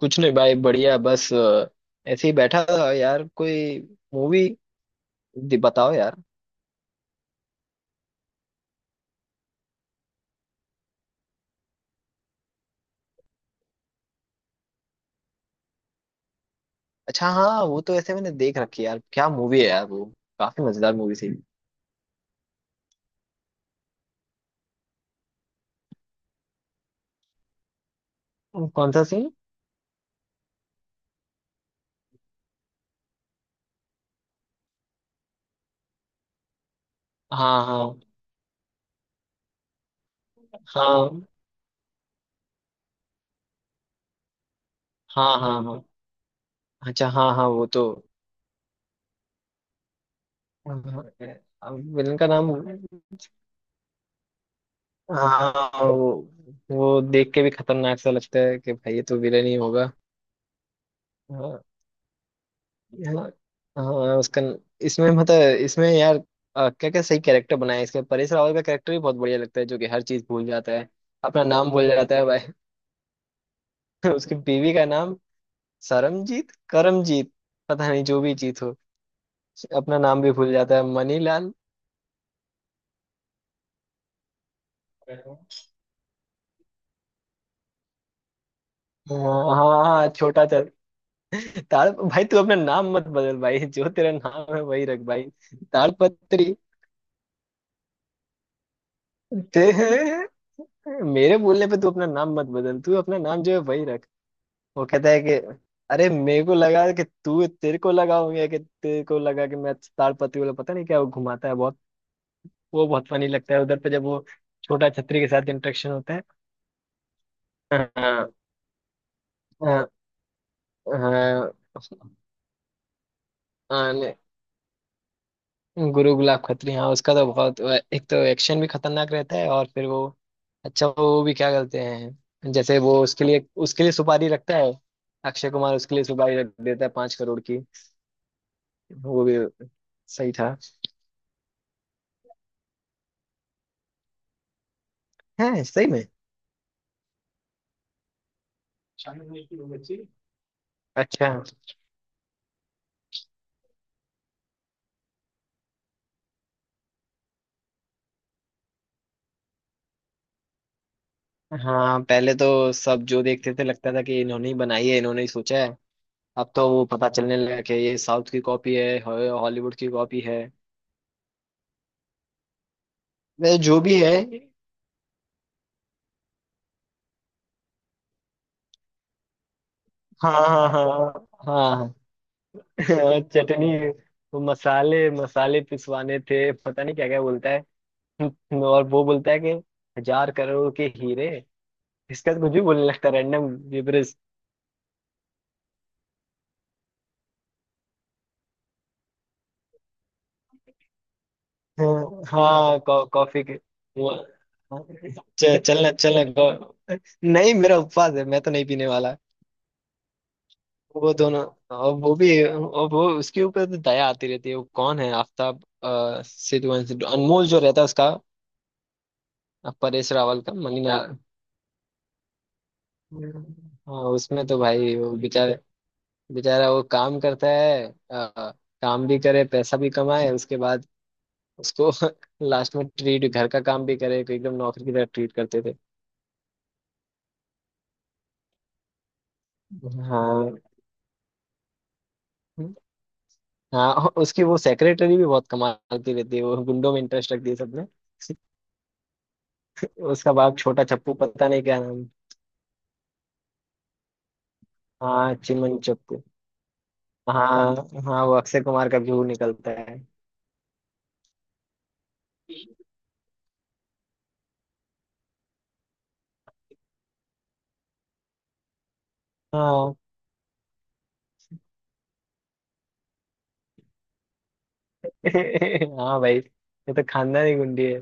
कुछ नहीं भाई, बढ़िया। बस ऐसे ही बैठा था यार। कोई मूवी बताओ यार। अच्छा हाँ, वो तो ऐसे मैंने देख रखी है यार। क्या मूवी है यार वो, काफी मजेदार मूवी थी। कौन सा सीन? हाँ, हाँ, हाँ, हाँ, हाँ, हाँ। अच्छा हाँ, हाँ, वो तो। विलन का नाम? हाँ वो देख के भी खतरनाक सा लगता है कि भाई ये तो विलन ही होगा। हाँ। हाँ, उसका। इसमें मतलब इसमें यार, क्या क्या सही कैरेक्टर बनाया है इसका। परेश रावल का कैरेक्टर भी बहुत बढ़िया लगता है, जो कि हर चीज भूल जाता है। अपना नाम भूल जाता है भाई। उसकी बीवी का नाम सरमजीत करमजीत, पता नहीं जो भी जीत हो। अपना नाम भी भूल जाता है, मनीलाल। हाँ, हाँ, हाँ, छोटा चल। ताल भाई, तू अपना नाम मत बदल भाई। जो तेरा नाम है वही रख भाई। तालपत्री। ते मेरे बोलने पे तू अपना नाम मत बदल। तू अपना नाम जो है वही रख। वो कहता है कि अरे, मेरे को लगा कि तू, तेरे को लगा हो गया कि तेरे को लगा कि मैं ताड़पत्री वाला। पता नहीं क्या, वो घुमाता है बहुत। वो बहुत फनी लगता है उधर पे, जब वो छोटा छतरी के साथ इंटरेक्शन होता है। हाँ, हाँ, हाँ, हाँ, नहीं। गुरु गुलाब खत्री, हाँ उसका तो बहुत। एक तो एक्शन भी खतरनाक रहता है और फिर वो। अच्छा वो भी क्या करते हैं, जैसे वो उसके लिए सुपारी रखता है। अक्षय कुमार उसके लिए सुपारी रख देता है, 5 करोड़ की। वो भी सही था। है सही में? अच्छा। हाँ पहले तो सब जो देखते थे, लगता था कि इन्होंने ही बनाई है, इन्होंने ही सोचा है। अब तो वो पता चलने लगा कि ये साउथ की कॉपी है, हॉलीवुड की कॉपी है। वैसे जो भी है। हाँ, हाँ, हाँ, हाँ। हाँ, चटनी। वो मसाले मसाले पिसवाने थे, पता नहीं क्या क्या बोलता है। और वो बोलता है कि 1000 करोड़ के हीरे। इसका तो कुछ भी बोलने लगता है, रैंडम। हाँ, हाँ, कॉफी के। वो चलना चलना नहीं मेरा उपवास है, मैं तो नहीं पीने वाला। वो दोनों। और वो भी, और वो उसके ऊपर तो दया आती रहती है। वो कौन है, आफताब सिद्धू एंड सिद्धू अनमोल जो रहता है उसका। परेश रावल का मंगना। हाँ उसमें तो भाई वो बेचारे, बेचारा वो काम करता है। अ, काम भी करे, पैसा भी कमाए। उसके बाद उसको लास्ट में ट्रीट, घर का काम भी करे को एकदम नौकरी की तरह ट्रीट करते थे। हाँ। हम्म। हाँ और उसकी वो सेक्रेटरी भी बहुत कमाल की रहती है। वो गुंडों में इंटरेस्ट रखती है सबने। उसका बाप छोटा चप्पू, पता नहीं क्या नाम। हाँ चिमन चप्पू। हाँ, हाँ, वो अक्षय कुमार का व्यू निकलता है। हाँ। हाँ भाई, ये तो खानदानी गुंडी है।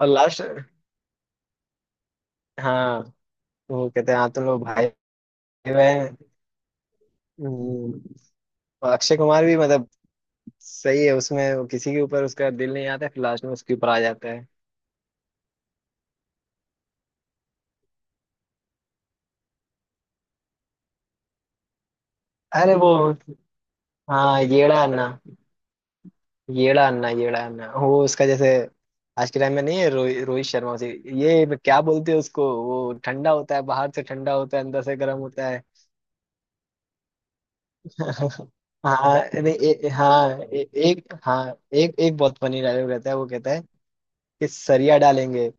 और लास्ट। हाँ। वो कहते हैं हाँ, तुम लोग भाई बहन। हम्म। और अक्षय कुमार भी मतलब, सही है उसमें, वो किसी के ऊपर उसका दिल नहीं आता, फिर लास्ट में उसके ऊपर आ जाता है। अरे वो, हाँ येड़ा अन्ना, येड़ा अन्ना, येड़ा अन्ना, वो उसका जैसे। आज के टाइम में नहीं है रोहित रोहित शर्मा उसे। ये क्या बोलते हैं उसको, वो ठंडा होता है बाहर से, ठंडा होता है अंदर से गर्म होता है। हाँ नहीं हाँ एक। हाँ एक एक बहुत फनी डायलॉग रहता है। वो कहता है कि सरिया डालेंगे,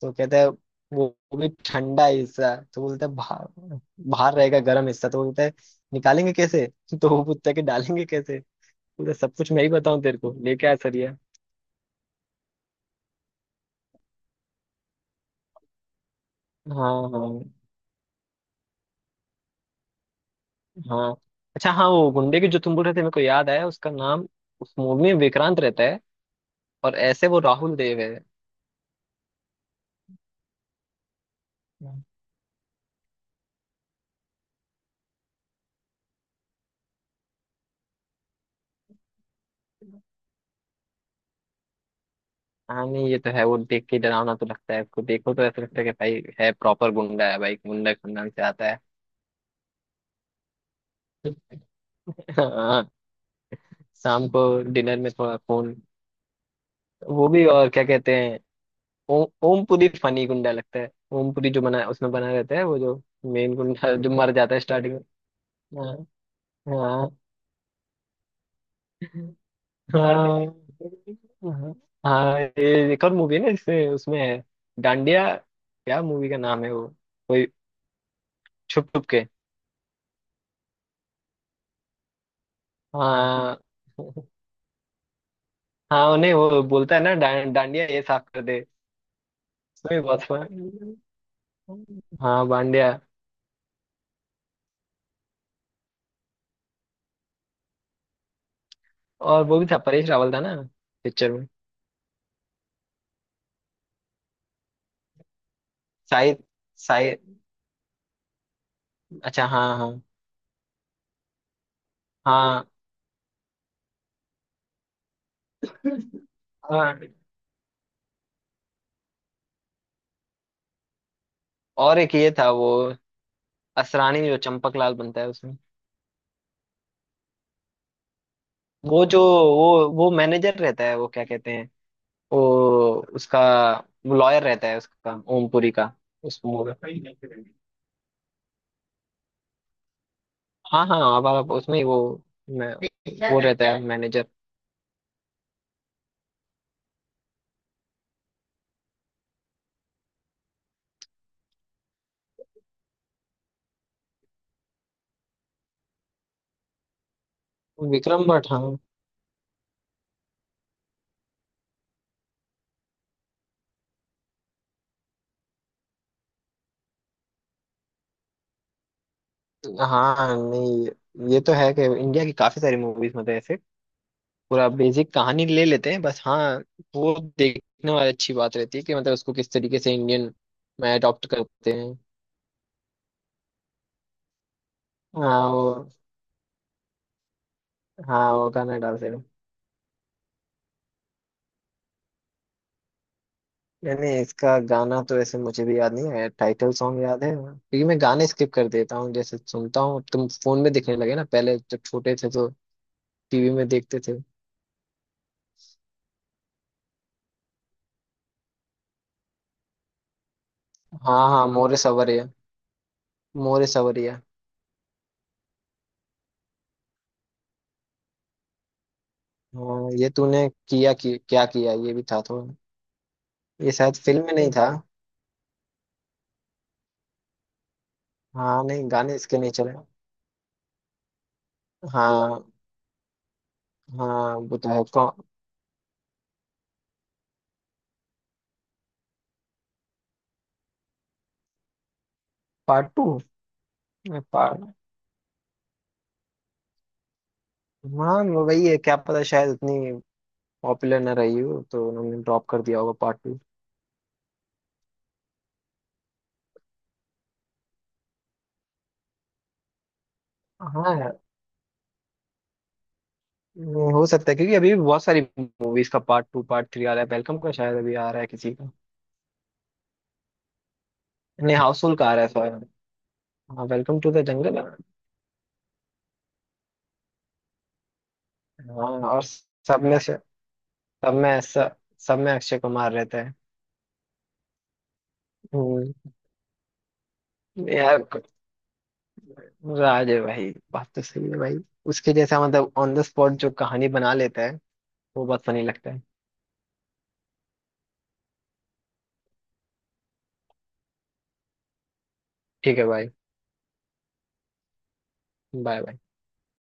तो कहता है वो भी ठंडा हिस्सा तो बोलता है बाहर। बाहर रहेगा, गर्म हिस्सा तो बोलता है निकालेंगे कैसे। तो वो पूछता है कि डालेंगे कैसे। बोलता है, सब कुछ मैं ही बताऊं, तेरे को लेके आ सरिया। हाँ, हाँ, हाँ। अच्छा हाँ, वो गुंडे की जो तुम बोल रहे थे, मेरे को याद आया उसका नाम। उस मूवी में विक्रांत रहता है। और ऐसे वो राहुल देव है। हाँ नहीं, ये तो है, वो देख के डरावना तो लगता है। उसको देखो तो ऐसा लगता है कि भाई, है प्रॉपर गुंडा है भाई, गुंडा खानदान से आता है। हाँ। शाम को डिनर में थोड़ा फोन। वो भी और क्या कहते हैं। ओमपुरी फनी गुंडा लगता है। ओमपुरी जो बना उसमें बना रहता है, वो जो मेन गुंडा जो मर जाता है स्टार्टिंग में। हाँ। हाँ, हाँ, हाँ। हाँ, ये एक और मूवी है ना, इसमें उसमें है डांडिया। क्या मूवी का नाम है वो, कोई छुप छुप के? हाँ। हाँ उन्हें वो बोलता है ना, डांडिया ये साफ कर दे। उसमें भी बहुत फन। हाँ बांडिया। और वो भी था, परेश रावल था ना पिक्चर में। शाहिद। शाहिद। अच्छा हाँ, हाँ, हाँ, हाँ। और एक ये था, वो असरानी जो चंपक लाल बनता है उसमें। वो जो, वो मैनेजर रहता है। वो क्या कहते हैं वो, उसका, वो लॉयर रहता है उसका, ओमपुरी का। उस मूवी। हाँ, हाँ। आप उसमें ही वो, मैं, वो रहता है मैनेजर। विक्रम भट्ट। हाँ हाँ नहीं, ये तो है कि इंडिया की काफी सारी मूवीज मतलब ऐसे, पूरा बेसिक कहानी ले लेते हैं बस। हाँ, वो देखने वाली अच्छी बात रहती है कि मतलब उसको किस तरीके से इंडियन में अडॉप्ट करते हैं। हाँ वो। हाँ वो गाना डालते हैं। यानी इसका गाना तो ऐसे मुझे भी याद नहीं है, टाइटल सॉन्ग याद है। क्योंकि मैं गाने स्किप कर देता हूँ, जैसे सुनता हूँ। तुम फोन में दिखने लगे ना, पहले जब छोटे थे तो टीवी में देखते थे। हाँ, हाँ मोरे सवरिया। मोरे सवरिया। हाँ ये तूने किया कि, क्या किया? ये भी था थोड़ा। ये शायद फिल्म में नहीं था। हाँ नहीं, गाने इसके नहीं चले। हाँ। हाँ वो तो है, कौन? Part two, part. हाँ वही है, क्या पता शायद उतनी पॉपुलर ना रही हो तो उन्होंने ड्रॉप कर दिया होगा पार्ट टू। हाँ वो हो सकता है, क्योंकि अभी भी बहुत सारी मूवीज का पार्ट टू, पार्ट थ्री आ रहा है। वेलकम का शायद अभी आ रहा है किसी का। नहीं, हाउसफुल का आ रहा है, सॉरी। हाँ वेलकम टू द जंगल। हाँ और सब में से, सब में ऐसा, सब में अक्षय कुमार रहता है। हम्म। यार, राज है भाई, बात तो सही है भाई। उसके जैसा मतलब ऑन द स्पॉट जो कहानी बना लेता है, वो बहुत फनी लगता है। ठीक है भाई। Bye bye.